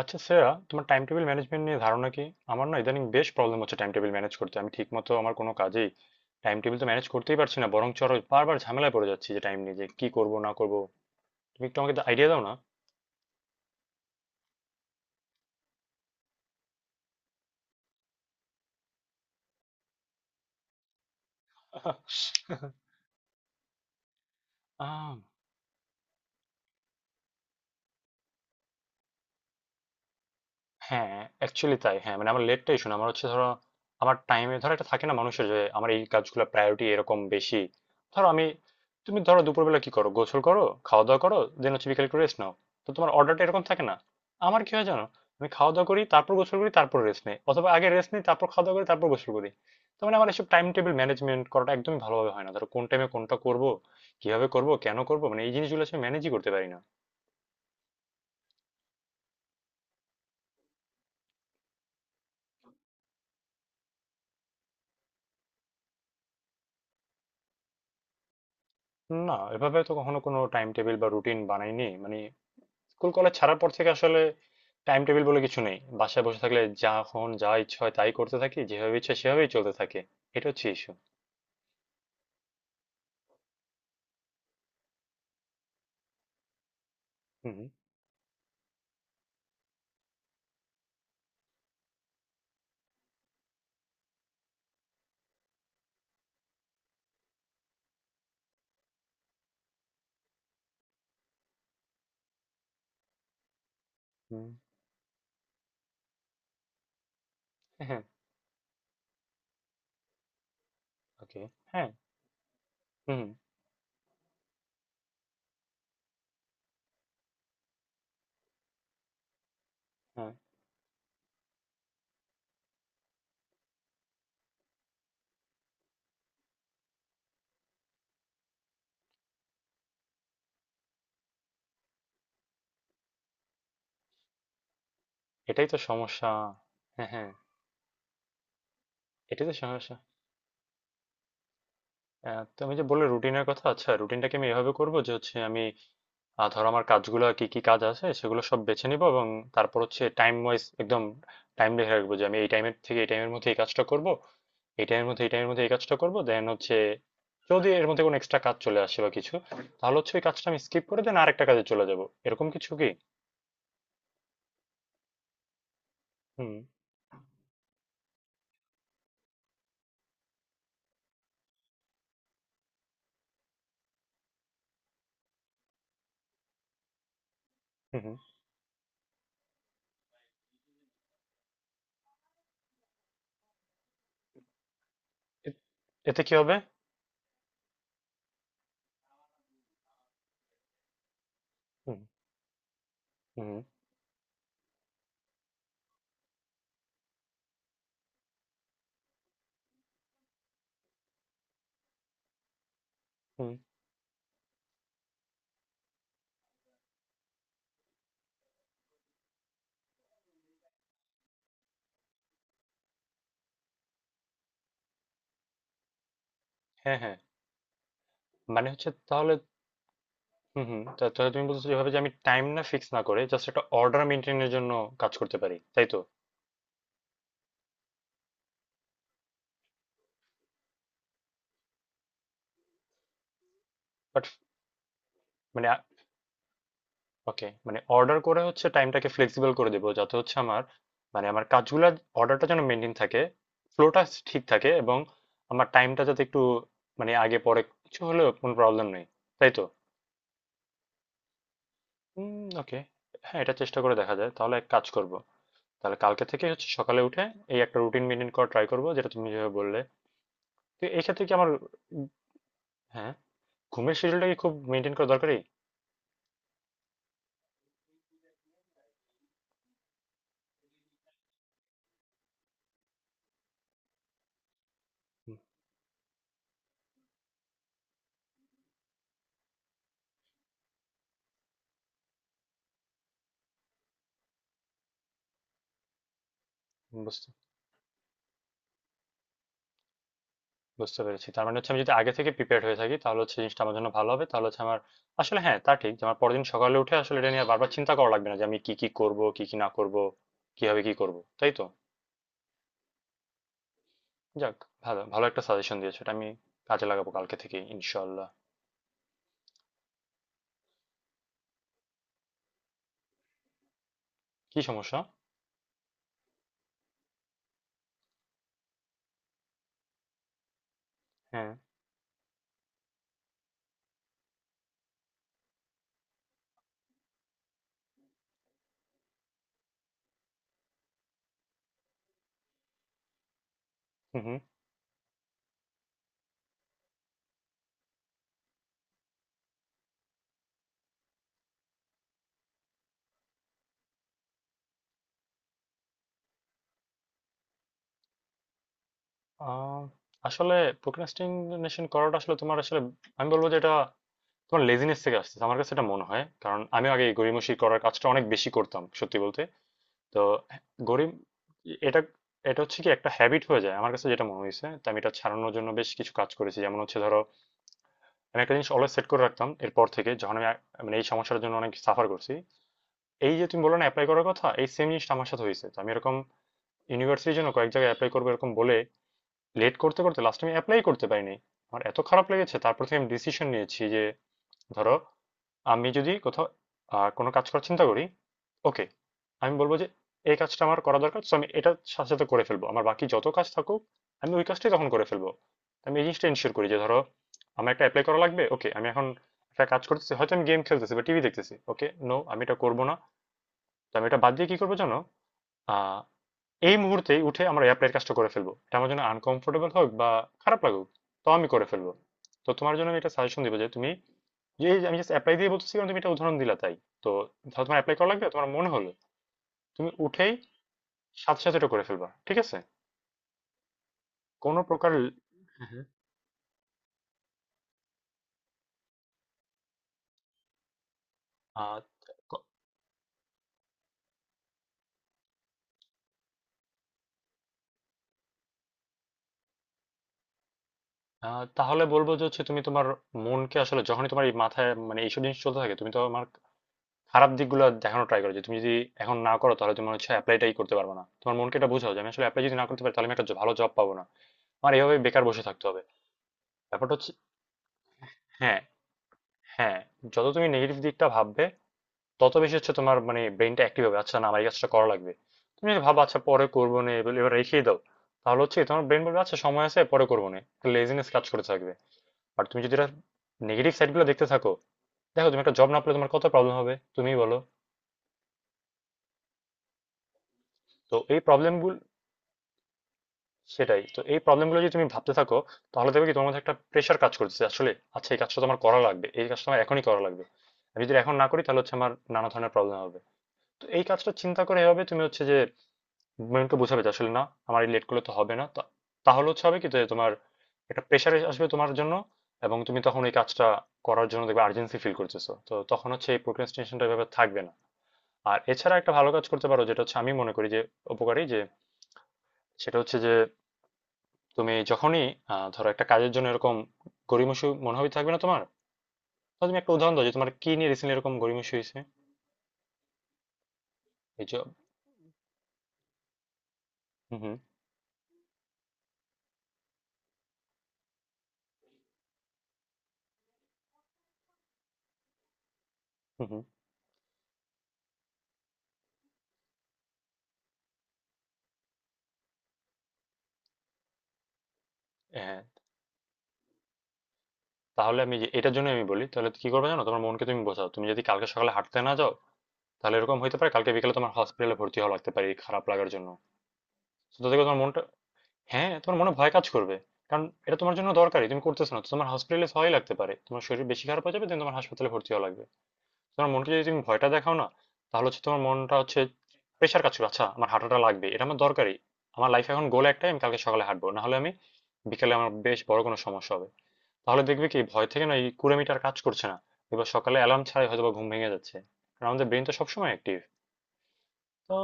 আচ্ছা শ্রেয়া, তোমার time table management নিয়ে ধারণা কি? আমার না ইদানিং বেশ প্রবলেম হচ্ছে টাইম টেবিল ম্যানেজ করতে। আমি ঠিকমতো আমার কোনো কাজেই টাইম টেবিল তো ম্যানেজ করতেই পারছি না, বরং চরো বারবার ঝামেলায় পড়ে যাচ্ছি যে টাইম নিয়ে যে কি করব না করব। তুমি একটু আমাকে আইডিয়া দাও না। আহ হ্যাঁ অ্যাকচুয়ালি তাই, হ্যাঁ, মানে আমার লেটটাই শোনা আমার হচ্ছে, ধরো আমার টাইমে ধরো একটা থাকে না মানুষের, যে আমার এই কাজগুলো প্রায়োরিটি এরকম বেশি। ধরো আমি, তুমি ধরো দুপুরবেলা কি করো, গোসল করো, খাওয়া দাওয়া করো, দেন হচ্ছে বিকেলে একটু রেস্ট নাও। তো তোমার অর্ডারটা এরকম থাকে না। আমার কি হয় জানো, আমি খাওয়া দাওয়া করি, তারপর গোসল করি, তারপর রেস্ট নেই, অথবা আগে রেস্ট নেই তারপর খাওয়া দাওয়া করি তারপর গোসল করি। তো মানে আমার এসব টাইম টেবিল ম্যানেজমেন্ট করাটা একদমই ভালোভাবে হয় না, ধরো কোন টাইমে কোনটা করব, কিভাবে করব, কেন করব, মানে এই জিনিসগুলো আসলে ম্যানেজই করতে পারি না। না, এভাবে তো কখনো কোনো টাইম টেবিল বা রুটিন বানাইনি, মানে স্কুল কলেজ ছাড়ার পর থেকে আসলে টাইম টেবিল বলে কিছু নেই, বাসায় বসে থাকলে যখন যা ইচ্ছা হয় তাই করতে থাকি, যেভাবে ইচ্ছা সেভাবেই চলতে থাকে। এটা হচ্ছে ইস্যু। হুম হুম। হ্যাঁ। ওকে। হ্যাঁ। হুম। হ্যাঁ। এটাই তো সমস্যা। হ্যাঁ, হ্যাঁ। এটাই তো সমস্যা। তুমি যে বললে রুটিনের কথা, আচ্ছা রুটিনটাকে আমি এভাবে করব যে হচ্ছে আমি, ধরো আমার কাজগুলো কি কি কাজ আছে সেগুলো সব বেছে নিব, এবং তারপর হচ্ছে টাইম ওয়াইজ একদম টাইম দেখে রাখবো যে আমি এই টাইমের থেকে এই টাইমের মধ্যে এই কাজটা করব, এই টাইমের মধ্যে এই টাইমের মধ্যে এই কাজটা করবো, দেন হচ্ছে যদি এর মধ্যে কোনো এক্সট্রা কাজ চলে আসে বা কিছু, তাহলে হচ্ছে ওই কাজটা আমি স্কিপ করে দেন আরেকটা কাজে চলে যাব। এরকম কিছু কি? হুম হুম হুম। এ- এতে কি হবে? হুম হুম হুম। হ্যাঁ হ্যাঁ, মানে হচ্ছে তাহলে হুম হুম, তা তাহলে তুমি বলছো যেভাবে যে আমি টাইম না ফিক্স না করে জাস্ট একটা অর্ডার মেনটেনের জন্য কাজ করতে পারি, তাই তো? বাট মানে ওকে, মানে অর্ডার করে হচ্ছে টাইমটাকে ফ্লেক্সিবল করে দেবো, যাতে হচ্ছে আমার, মানে আমার কাজগুলো অর্ডারটা যেন মেনটেন থাকে, ফ্লোটা ঠিক থাকে, এবং আমার টাইমটা যাতে একটু, মানে আগে পরে কিছু হলেও কোনো প্রবলেম নেই, তাই তো? হুম ওকে। হ্যাঁ এটা চেষ্টা করে দেখা যায়, তাহলে এক কাজ করব, তাহলে কালকে থেকে হচ্ছে সকালে উঠে এই একটা রুটিন মেনটেন করা ট্রাই করবো যেটা তুমি যেভাবে বললে। তো এই ক্ষেত্রে কি আমার, উম, হ্যাঁ, ঘুমের শিডিউলটা কি খুব মেনটেন করা দরকারি? হুম, বুঝতে বুঝতে পেরেছি। তার মানে হচ্ছে আমি যদি আগে থেকে প্রিপেয়ার্ড হয়ে থাকি তাহলে হচ্ছে জিনিসটা আমার জন্য ভালো হবে। তাহলে হচ্ছে আমার আসলে, হ্যাঁ, তা ঠিক যে আমার পরের দিন সকালে উঠে আসলে এটা নিয়ে আর বারবার চিন্তা করা লাগবে না যে আমি কি, কি করব, কি, কি না করব, কিভাবে কি করব। তাই তো? যাক, ভালো, ভালো একটা সাজেশন দিয়েছো। এটা আমি কাজে লাগাবো কালকে থেকেই ইনশাআল্লাহ। কি সমস্যা? হ্যাঁ। হু, হু। আ আসলে procrastination করাটা আসলে তোমার আসলে, আমি বলব যে এটা তোমার লেজিনেস থেকে আসতেছে। আমার কাছে এটা মনে হয়। কারণ আমিও আগে এই গড়িমসি করার কাজটা অনেক বেশি করতাম সত্যি বলতে। তো গরিব এটা, এটা হচ্ছে কি একটা হ্যাবিট হয়ে যায়, আমার কাছে যেটা মনে হয়েছে, তো আমি এটা ছাড়ানোর জন্য বেশ কিছু কাজ করেছি, যেমন হচ্ছে ধরো আমি একটা জিনিস অলওয়েজ সেট করে রাখতাম এরপর থেকে যখন মানে এই সমস্যার জন্য অনেক সাফার করছি। এই যে তুমি বললে না অ্যাপ্লাই করার কথা, এই সেম জিনিসটা আমার সাথে হয়েছে, তো আমি এরকম ইউনিভার্সিটির জন্য কয়েক জায়গায় অ্যাপ্লাই করবো এরকম বলে লেট করতে করতে লাস্ট আমি অ্যাপ্লাই করতে পারিনি। আমার এত খারাপ লেগেছে, তারপর থেকে আমি ডিসিশন নিয়েছি যে ধরো আমি যদি কোথাও কোনো কাজ করার চিন্তা করি, ওকে, আমি বলব যে এই কাজটা আমার করা দরকার। সো আমি এটার সাথে, সাথে করে ফেলব। আমার বাকি যত কাজ থাকুক, আমি ওই কাজটাই তখন করে ফেলব। আমি এই জিনিসটা এনশিওর করি যে ধরো আমার একটা এপ্লাই করা লাগবে। ওকে, আমি এখন একটা কাজ করতেছি। হয়তো আমি গেম খেলতেছি বা টিভি দেখতেছি। ওকে, নো আমি এটা করব না। তো আমি এটা বাদ দিয়ে কি করব জানো? আ এই মুহূর্তেই উঠে আমরা অ্যাপ্লাইয়ের কাজটা করে ফেলবো, এটা আমার জন্য আনকমফোর্টেবল হোক বা খারাপ লাগুক, তাও আমি করে ফেলবো। তো তোমার জন্য আমি এটা সাজেশন দিব যে তুমি, যে আমি জাস্ট অ্যাপ্লাই দিয়ে বলতেছি কারণ তুমি এটা উদাহরণ দিলা তাই, তো ধরো তোমার অ্যাপ্লাই করা লাগবে, তোমার মনে হলো, তুমি উঠেই সাথে সাথে এটা করে ফেলবা, ঠিক আছে? কোনো প্রকার, হ্যাঁ, হ্যাঁ। আহ, ক- তাহলে বলবো যে হচ্ছে তুমি তোমার মনকে আসলে যখনই তোমার এই মাথায় মানে এইসব জিনিস চলতে থাকে তুমি তোমার খারাপ দিকগুলো দেখানো ট্রাই করো যে তুমি যদি এখন না করো তাহলে তুমি হচ্ছে অ্যাপ্লাইটাই করতে পারবে না, তোমার মনকে এটা বোঝাও যে আমি আসলে অ্যাপ্লাই যদি না করতে পারি তাহলে আমি একটা ভালো জব পাবো না, আমার এইভাবে বেকার বসে থাকতে হবে। ব্যাপারটা হচ্ছে হ্যাঁ হ্যাঁ, যত তুমি নেগেটিভ দিকটা ভাববে তত বেশি হচ্ছে তোমার মানে ব্রেনটা অ্যাক্টিভ হবে, আচ্ছা না আমার এই কাজটা করা লাগবে। তুমি যদি ভাবো আচ্ছা পরে করবো না এবার এবার রেখেই দাও, তাহলে হচ্ছে তোমার ব্রেন বলবে আচ্ছা সময় আছে পরে করবো না, লেজিনেস কাজ করে থাকবে। আর তুমি যদি নেগেটিভ সাইডগুলো দেখতে থাকো, দেখো তুমি একটা জব না পেলে তোমার কত প্রবলেম হবে তুমিই বলো। তো এই প্রবলেমগুলো, সেটাই তো, এই প্রবলেমগুলো যদি তুমি ভাবতে থাকো তাহলে দেখবে কি তোমার মধ্যে একটা প্রেশার কাজ করতেছে আসলে, আচ্ছা এই কাজটা তো আমার করা লাগবে, এই কাজটা আমার এখনই করা লাগবে, আমি যদি এখন না করি তাহলে হচ্ছে আমার নানা ধরনের প্রবলেম হবে। তো এই কাজটা চিন্তা করে এভাবে তুমি হচ্ছে যে মাইন্ডকে বোঝাবে যে আসলে না আমার এই লেট করলে তো হবে না তাহলে হচ্ছে হবে কি যে তোমার একটা প্রেশার আসবে তোমার জন্য, এবং তুমি তখন এই কাজটা করার জন্য দেখবে আর্জেন্সি ফিল করতেছো, তো তখন হচ্ছে এই প্রোক্রাস্টিনেশনটা এভাবে থাকবে না। আর এছাড়া একটা ভালো কাজ করতে পারো যেটা হচ্ছে আমি মনে করি যে উপকারী, যে সেটা হচ্ছে যে তুমি যখনই, ধরো একটা কাজের জন্য এরকম গড়িমসি মনোভাবই থাকবে না তোমার, তাহলে তুমি একটা উদাহরণ দাও যে তোমার কি নিয়ে রিসেন্টলি এরকম গড়িমসি হয়েছে? এই যে, হুম হুম হুম হুম, হ্যাঁ, তাহলে আমি এটার জন্য আমি বলি তাহলে কি করবে জানো, তোমার মনকে তুমি বোঝাও তুমি যদি কালকে সকালে হাঁটতে না যাও তাহলে এরকম হতে পারে কালকে বিকেলে তোমার হসপিটালে ভর্তি হওয়া লাগতে পারে এই খারাপ লাগার জন্য। তো দেখো তোমার মনটা, হ্যাঁ তোমার মনে ভয় কাজ করবে, কারণ এটা তোমার জন্য দরকারি তুমি করতেছ না, তো তোমার হসপিটালে ভয় লাগতে পারে, তোমার শরীর বেশি খারাপ হয়ে যাবে, তুমি তোমার হাসপাতালে ভর্তি হওয়া লাগবে। তোমার মনকে যদি তুমি ভয়টা দেখাও না, তাহলে হচ্ছে তোমার মনটা হচ্ছে প্রেশার কাজ করবে, আচ্ছা আমার হাঁটাটা লাগবে এটা আমার দরকারি, আমার লাইফে এখন গোল একটাই আমি কালকে সকালে হাঁটবো, না হলে আমি বিকেলে আমার বেশ বড় কোনো সমস্যা হবে। তাহলে দেখবে কি ভয় থেকে না এই কুড়েমিটার কাজ করছে না, এবার সকালে অ্যালার্ম ছাড়াই হয়তো বা ঘুম ভেঙে যাচ্ছে, কারণ আমাদের ব্রেন তো সবসময় অ্যাক্টিভ। তো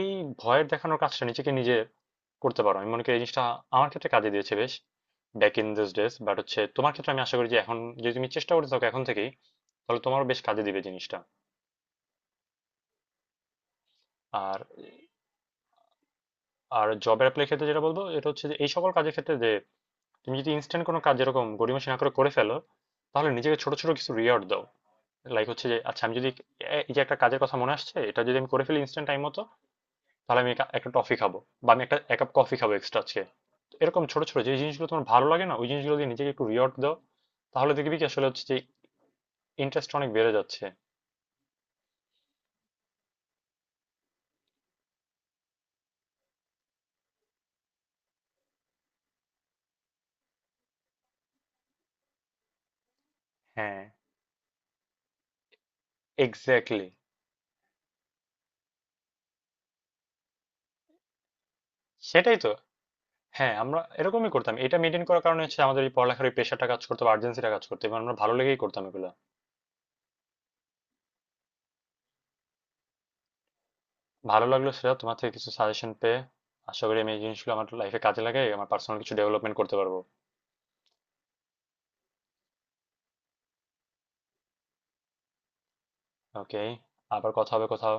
এই ভয়ের দেখানোর কাজটা নিজেকে নিজে করতে পারো, আমি মনে করি এই জিনিসটা আমার ক্ষেত্রে কাজে দিয়েছে বেশ back in this days, but হচ্ছে তোমার ক্ষেত্রে আমি আশা করি যে এখন যদি তুমি চেষ্টা করে থাকো এখন থেকেই, তাহলে তোমারও বেশ কাজে দিবে জিনিসটা। আর আর জব অ্যাপ্লাই ক্ষেত্রে যেটা বলবো এটা হচ্ছে যে এই সকল কাজের ক্ষেত্রে যে তুমি যদি ইনস্ট্যান্ট কোনো কাজ যেরকম গড়িমসি না করে করে ফেলো, তাহলে নিজেকে ছোট ছোট কিছু রিওয়ার্ড দাও। লাইক হচ্ছে যে আচ্ছা আমি যদি এই যে একটা কাজের কথা মনে আসছে এটা যদি আমি করে ফেলি ইনস্ট্যান্ট টাইম মতো, তাহলে আমি একটা টফি খাবো, বা আমি একটা এক কাপ কফি খাবো এক্সট্রা আজকে। তো এরকম ছোট ছোট যে জিনিসগুলো তোমার ভালো লাগে না, ওই জিনিসগুলো দিয়ে নিজেকে একটু রিওয়ার্ড দাও, তাহলে দেখবি কি আসলে হচ্ছে যে ইন্টারেস্ট অনেক বেড়ে যাচ্ছে। হ্যাঁ এক্স্যাক্টলি, সেটাই তো। হ্যাঁ, আমরা এরকমই করতাম। এটা মেইনটেইন করার কারণে হচ্ছে আমাদের এই পড়ালেখার এই প্রেশারটা কাজ করতো বা আর্জেন্সিটা কাজ করতো এবং আমরা ভালো লেগেই করতাম এগুলা। ভালো লাগলো সেটা, তোমার থেকে কিছু সাজেশন পেয়ে। আশা করি আমি এই জিনিসগুলো আমার লাইফে কাজে লাগাই আমার পার্সোনাল কিছু ডেভেলপমেন্ট করতে পারবো। ওকে, আবার কথা হবে কোথাও।